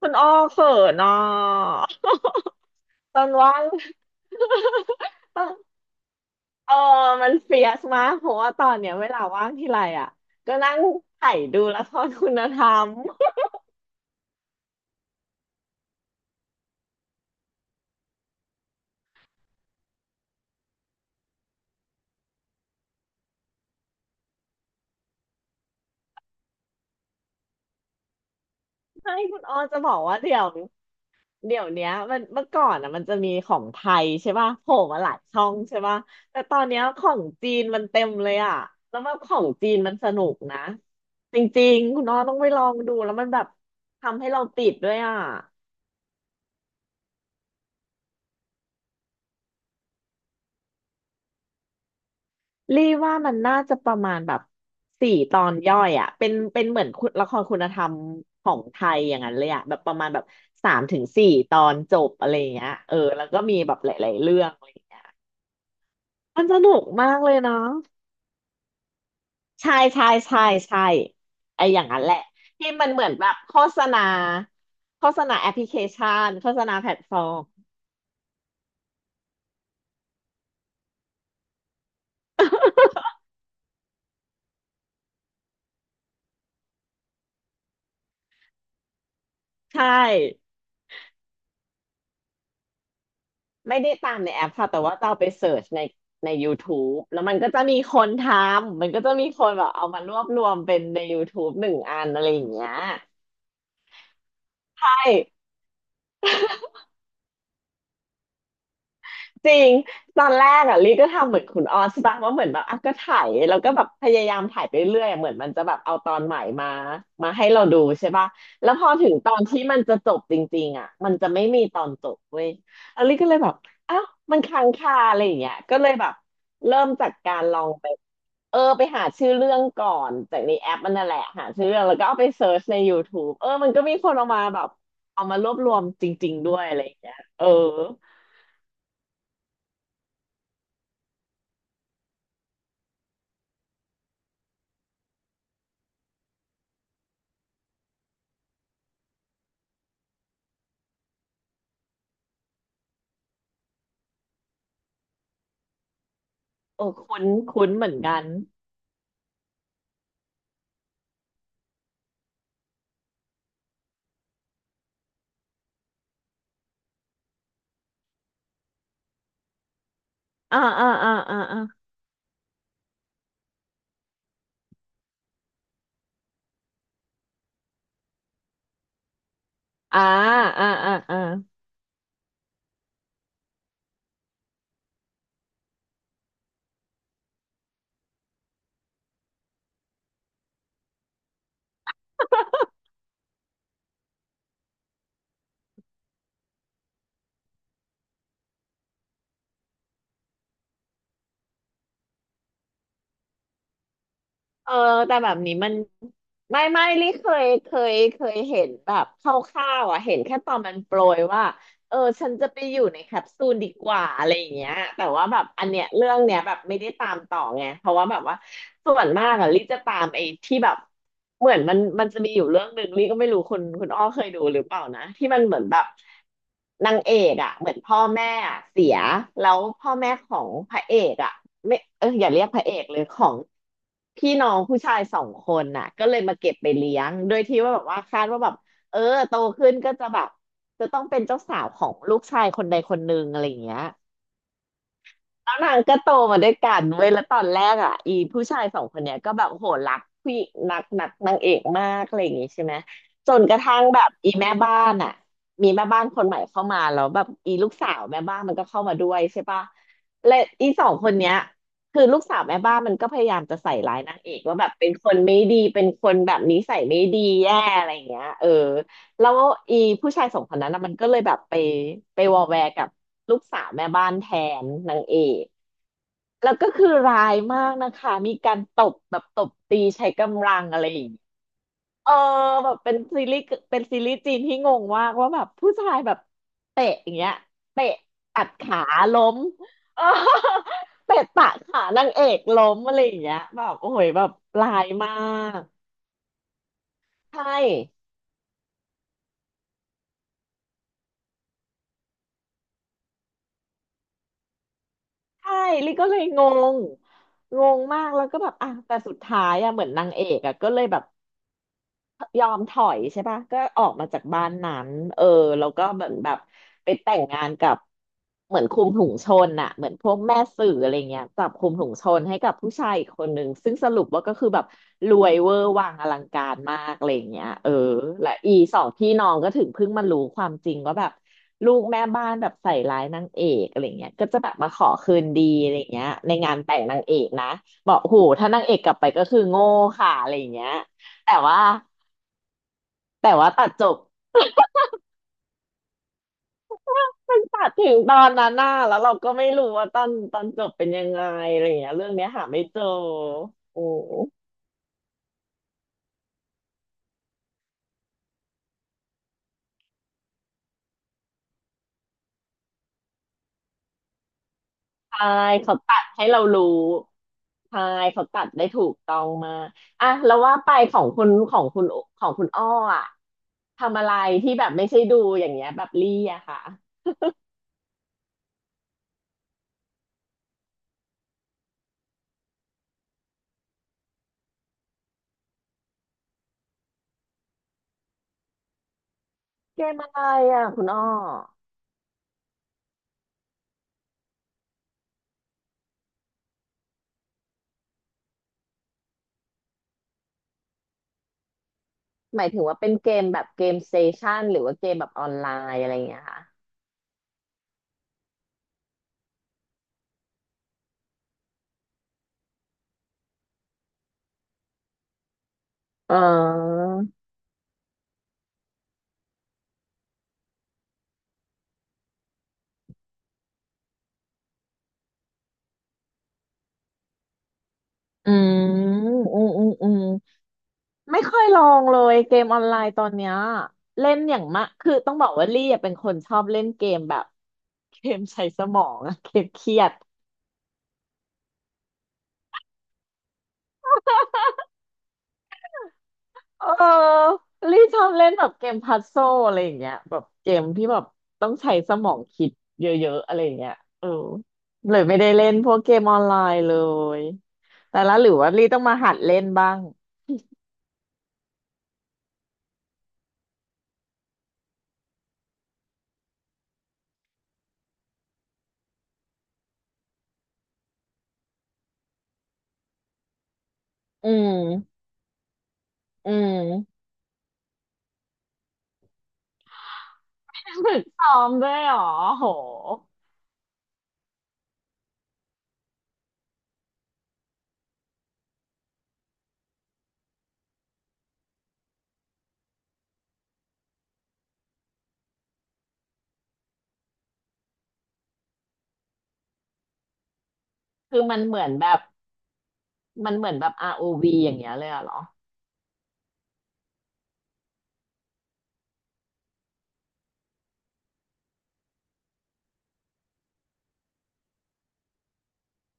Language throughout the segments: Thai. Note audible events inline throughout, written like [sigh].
คุณอ้อเขินอ่ะตอนว่าง [laughs] ต้องเออมันเฟียสมากเพราะว่าตอนเนี้ยเวลาว่างทีไรอ่ะก็นั่งไถ่ดูละครคุณธรรมให้คุณอ้อจะบอกว่าเดี๋ยวเนี้ยมันเมื่อก่อนอ่ะมันจะมีของไทยใช่ป่ะโผล่มาหลายช่องใช่ป่ะแต่ตอนเนี้ยของจีนมันเต็มเลยอ่ะแล้วว่าของจีนมันสนุกนะจริงๆคุณอ้อต้องไปลองดูแล้วมันแบบทำให้เราติดด้วยอ่ะ รี่ว่ามันน่าจะประมาณแบบ4 ตอนย่อยอ่ะเป็นเหมือนคุณละครคุณธรรมของไทยอย่างนั้นเลยอ่ะแบบประมาณแบบ3 ถึง 4 ตอนจบอะไรอย่างเงี้ยเออแล้วก็มีแบบหลายๆเรื่องอะไรอย่างเงี้ยมันสนุกมากเลยเนาะใช่ใช่ใช่ใช่ไออย่างนั้นแหละที่มันเหมือนแบบโฆษณาโฆษณาแอปพลิเคชันโฆษณาแพลตฟอร์มใช่ ไม่ได้ตามในแอปค่ะแต่ว่าจะเอาไปเสิร์ชในใน YouTube แล้วมันก็จะมีคนทำมันก็จะมีคนแบบเอามารวบรวมเป็นใน YouTube 1 อันอะไรอย่างเงี้ยใช่ จริงตอนแรกอ่ะลิก็ทำเหมือนคุณออสป่ะว่าเหมือนแบบอ่ะก็ถ่ายแล้วก็แบบพยายามถ่ายไปเรื่อยอะเหมือนมันจะแบบเอาตอนใหม่มาให้เราดูใช่ป่ะแล้วพอถึงตอนที่มันจะจบจริงๆอ่ะมันจะไม่มีตอนจบเว้ยแล้วลิก็เลยแบบอ้าวมันค้างคาอะไรอย่างเงี้ยก็เลยแบบเริ่มจากการลองไปเออไปหาชื่อเรื่องก่อนจากในแอปมันนั่นแหละหาชื่อเรื่องแล้วก็เอาไปเซิร์ชใน YouTube เออมันก็มีคนเอามาแบบเอามารวบรวมจริงๆด้วยอะไรอย่างเงี้ยเออ โอ้คุ้นคุ้นเหมือนกันอ่าอ่าอ่าอ่าอ่าอ่าอ่าอ่าอ่าเออแต่แบบนี้มันไม่ลี่เคยเห็นแบบคร่าวๆอ่ะเห็นแค่ตอนมันโปรยว่า เออฉันจะไปอยู่ในแคปซูลดีกว่าอะไรอย่างเงี้ยแต่ว่าแบบอันเนี้ยเรื่องเนี้ยแบบไม่ได้ตามต่อไงเพราะว่าแบบว่าส่วนมากอะลิจะตามไอ้ที่แบบเหมือนมันจะมีอยู่เรื่องหนึ่งลิก็ไม่รู้คุณอ้อเคยดูหรือเปล่านะที่มันเหมือนแบบนางเอกอะเหมือนพ่อแม่อะเสียแล้วพ่อแม่ของพระเอกอะไม่เอออย่าเรียกพระเอกเลยของพี่น้องผู้ชายสองคนน่ะก็เลยมาเก็บไปเลี้ยงโดยที่ว่าแบบว่าคาดว่าแบบเออโตขึ้นก็จะแบบ จะต้องเป็นเจ้าสาวของลูกชายคนใดคนหนึ่งอะไรอย่างเงี้ยแล้วนางก็โตมาด้วยกันเว้ยแล้วตอนแรกอ่ะอีผู้ชายสองคนเนี้ยก็แบบโหรักผู้หญิงนักนักนางเอกมากอะไรอย่างงี้ใช่ไหมจนกระทั่งแบบอีแม่บ้านอ่ะมีแม่บ้านคนใหม่เข้ามาแล้วแบบอีลูกสาวแม่บ้านมันก็เข้ามาด้วยใช่ปะและอีสองคนเนี้ยคือลูกสาวแม่บ้านมันก็พยายามจะใส่ร้ายนางเอกว่าแบบเป็นคนไม่ดีเป็นคนแบบนิสัยไม่ดีแย่อะไรอย่างเงี้ยเออ แล้วอีผู้ชายสองคนนั้นนะมันก็เลยแบบไปวอแวร์กับลูกสาวแม่บ้านแทนนางเอกแล้วก็คือร้ายมากนะคะมีการตบแบบตบตีใช้กำลังอะไรอย่างเงี้ยเออแบบเป็นซีรีส์จีนที่งงมากว่าแบบผู้ชายแบบเตะอย่างเงี้ยเตะตัดขาล้มเออเตะตะขานางเอกล้มอะไรอย่างเงี้ยแบบโอ้ยแบบร้ายมากใช่ ใช่ลิก็เลยงง งงมากแล้วก็แบบอ่ะแต่สุดท้ายอ่ะเหมือนนางเอกอ่ะก็เลยแบบ ยอมถอยใช่ปะก็ออกมาจากบ้านนั้นเออแล้วก็เหมือนแบบไปแต่งงานกับเหมือนคุมถุงชนอะเหมือนพวกแม่สื่ออะไรเงี้ยจับคุมถุงชนให้กับผู้ชายอีกคนนึงซึ่งสรุปว่าก็คือแบบรวยเวอร์วังอลังการมากอะไรเงี้ยเออและอี2 พี่น้องก็ถึงเพิ่งมารู้ความจริงว่าแบบลูกแม่บ้านแบบใส่ร้ายนางเอกอะไรเงี้ยก็จะแบบมาขอคืนดีอะไรเงี้ยในงานแต่งนางเอกนะบอกโหถ้านางเอกกลับไปก็คือโง่ค่ะอะไรเงี้ยแต่ว่า ตัดจบ [laughs] มันตัดถึงตอนนั้นน่ะแล้วเราก็ไม่รู้ว่าตอนจบเป็นยังไงอะไรอย่างเงี้ยเรื่องเนี้ยหาไม่เจอโอ้ใช่เขาตัดให้เรารู้ใช่เขาตัดได้ถูกต้องมากอ่ะแล้วว่าไปของคุณอ้ออะทำอะไรที่แบบไม่ใช่ดูอย่างเงี้ยแบบลี่อะค่ะเกมอะไรอะคุณอ้อหมายถึงว่าเป็นเกมแบบเกมสเตชันหรือว่าเกมแบบออนไลน์อะไรอย่างเงี้ยค่ะอ๋อ อืมอืมอืมอืมไม่ค่อยลองเลยเกมออนไลน์ตอนเนี้ยเล่นอย่างมะคือต้องบอกว่าลี่อะเป็นคนชอบเล่นเกมแบบเกมใช้สมองอะเกมเครียดเออลี่ชอบเล่นแบบเกมพัซโซลอะไรอย่างเงี้ยแบบเกมที่แบบต้องใช้สมองคิดเยอะๆอะไรอย่างเงี้ยเออเลยไม่ได้เล่นพวกเกมออนไลน์เลยแต่ละหรือว่าลี่ต้องมาหัดเล่นบ้างอืมอืมฝึกซ้อมด้วยเหรอโห คือมันเหมือนแบบมันเหมือนแบบ ROV อวีอย่างเงี้ยเลยอะเหรอ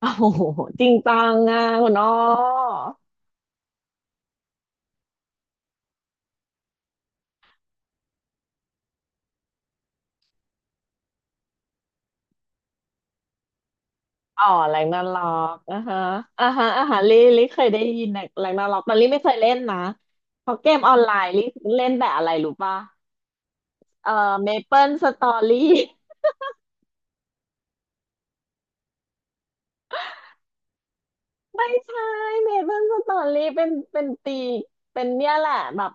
โอ้โหจริงจังอ่ะคุณอ้ออ๋อแรงดันาล็อกอ่ะฮะอ่ะฮะอ่ะฮะลิเคยได้ยินแรงแรงดันาล็อกแต่ลี่ไม่เคยเล่นนะ เพราะเกมออนไลน์ลี่เล่นแต่อะไรรู้ป่ะเอ่อเมเปิลสตอรี่ ไม่ใช่เมดเปิ้ลสตอรี่เป็นเป็นตีเป็นเนี่ยแหละแบบ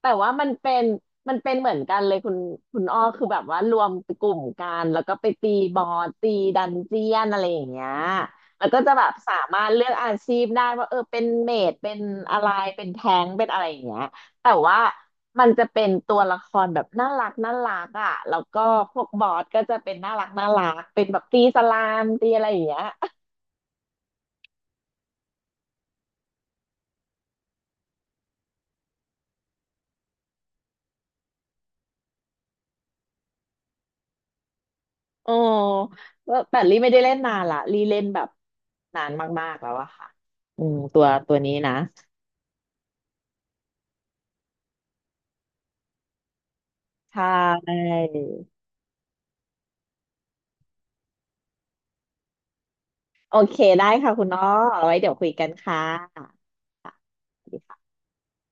แต่ว่ามันเป็นมันเป็นเหมือนกันเลยคุณอ้อคือแบบว่ารวมกลุ่มกันแล้วก็ไปตีบอสตีดันเจียนอะไรอย่างเงี้ยแล้วก็จะแบบสามารถเลือกอาชีพได้ว่าเออเป็นเมดเป็นอะไรเป็นแทงค์เป็นอะไรอย่างเงี้ยแต่ว่ามันจะเป็นตัวละครแบบน่ารักน่ารักอ่ะแล้วก็พวกบอสก็จะเป็นน่ารักน่ารักเป็นแบบตีสลามตีอะไรอย่างเงี้ย โอ้ว่าแต่ลี่ไม่ได้เล่นนานละลี่เล่นแบบนานมากๆแล้วอะค่ะอืมตัวนี้นะใช่โอเคได้ค่ะคุณน้อเอาไว้เดี๋ยวคุยกันค่ะค่ะ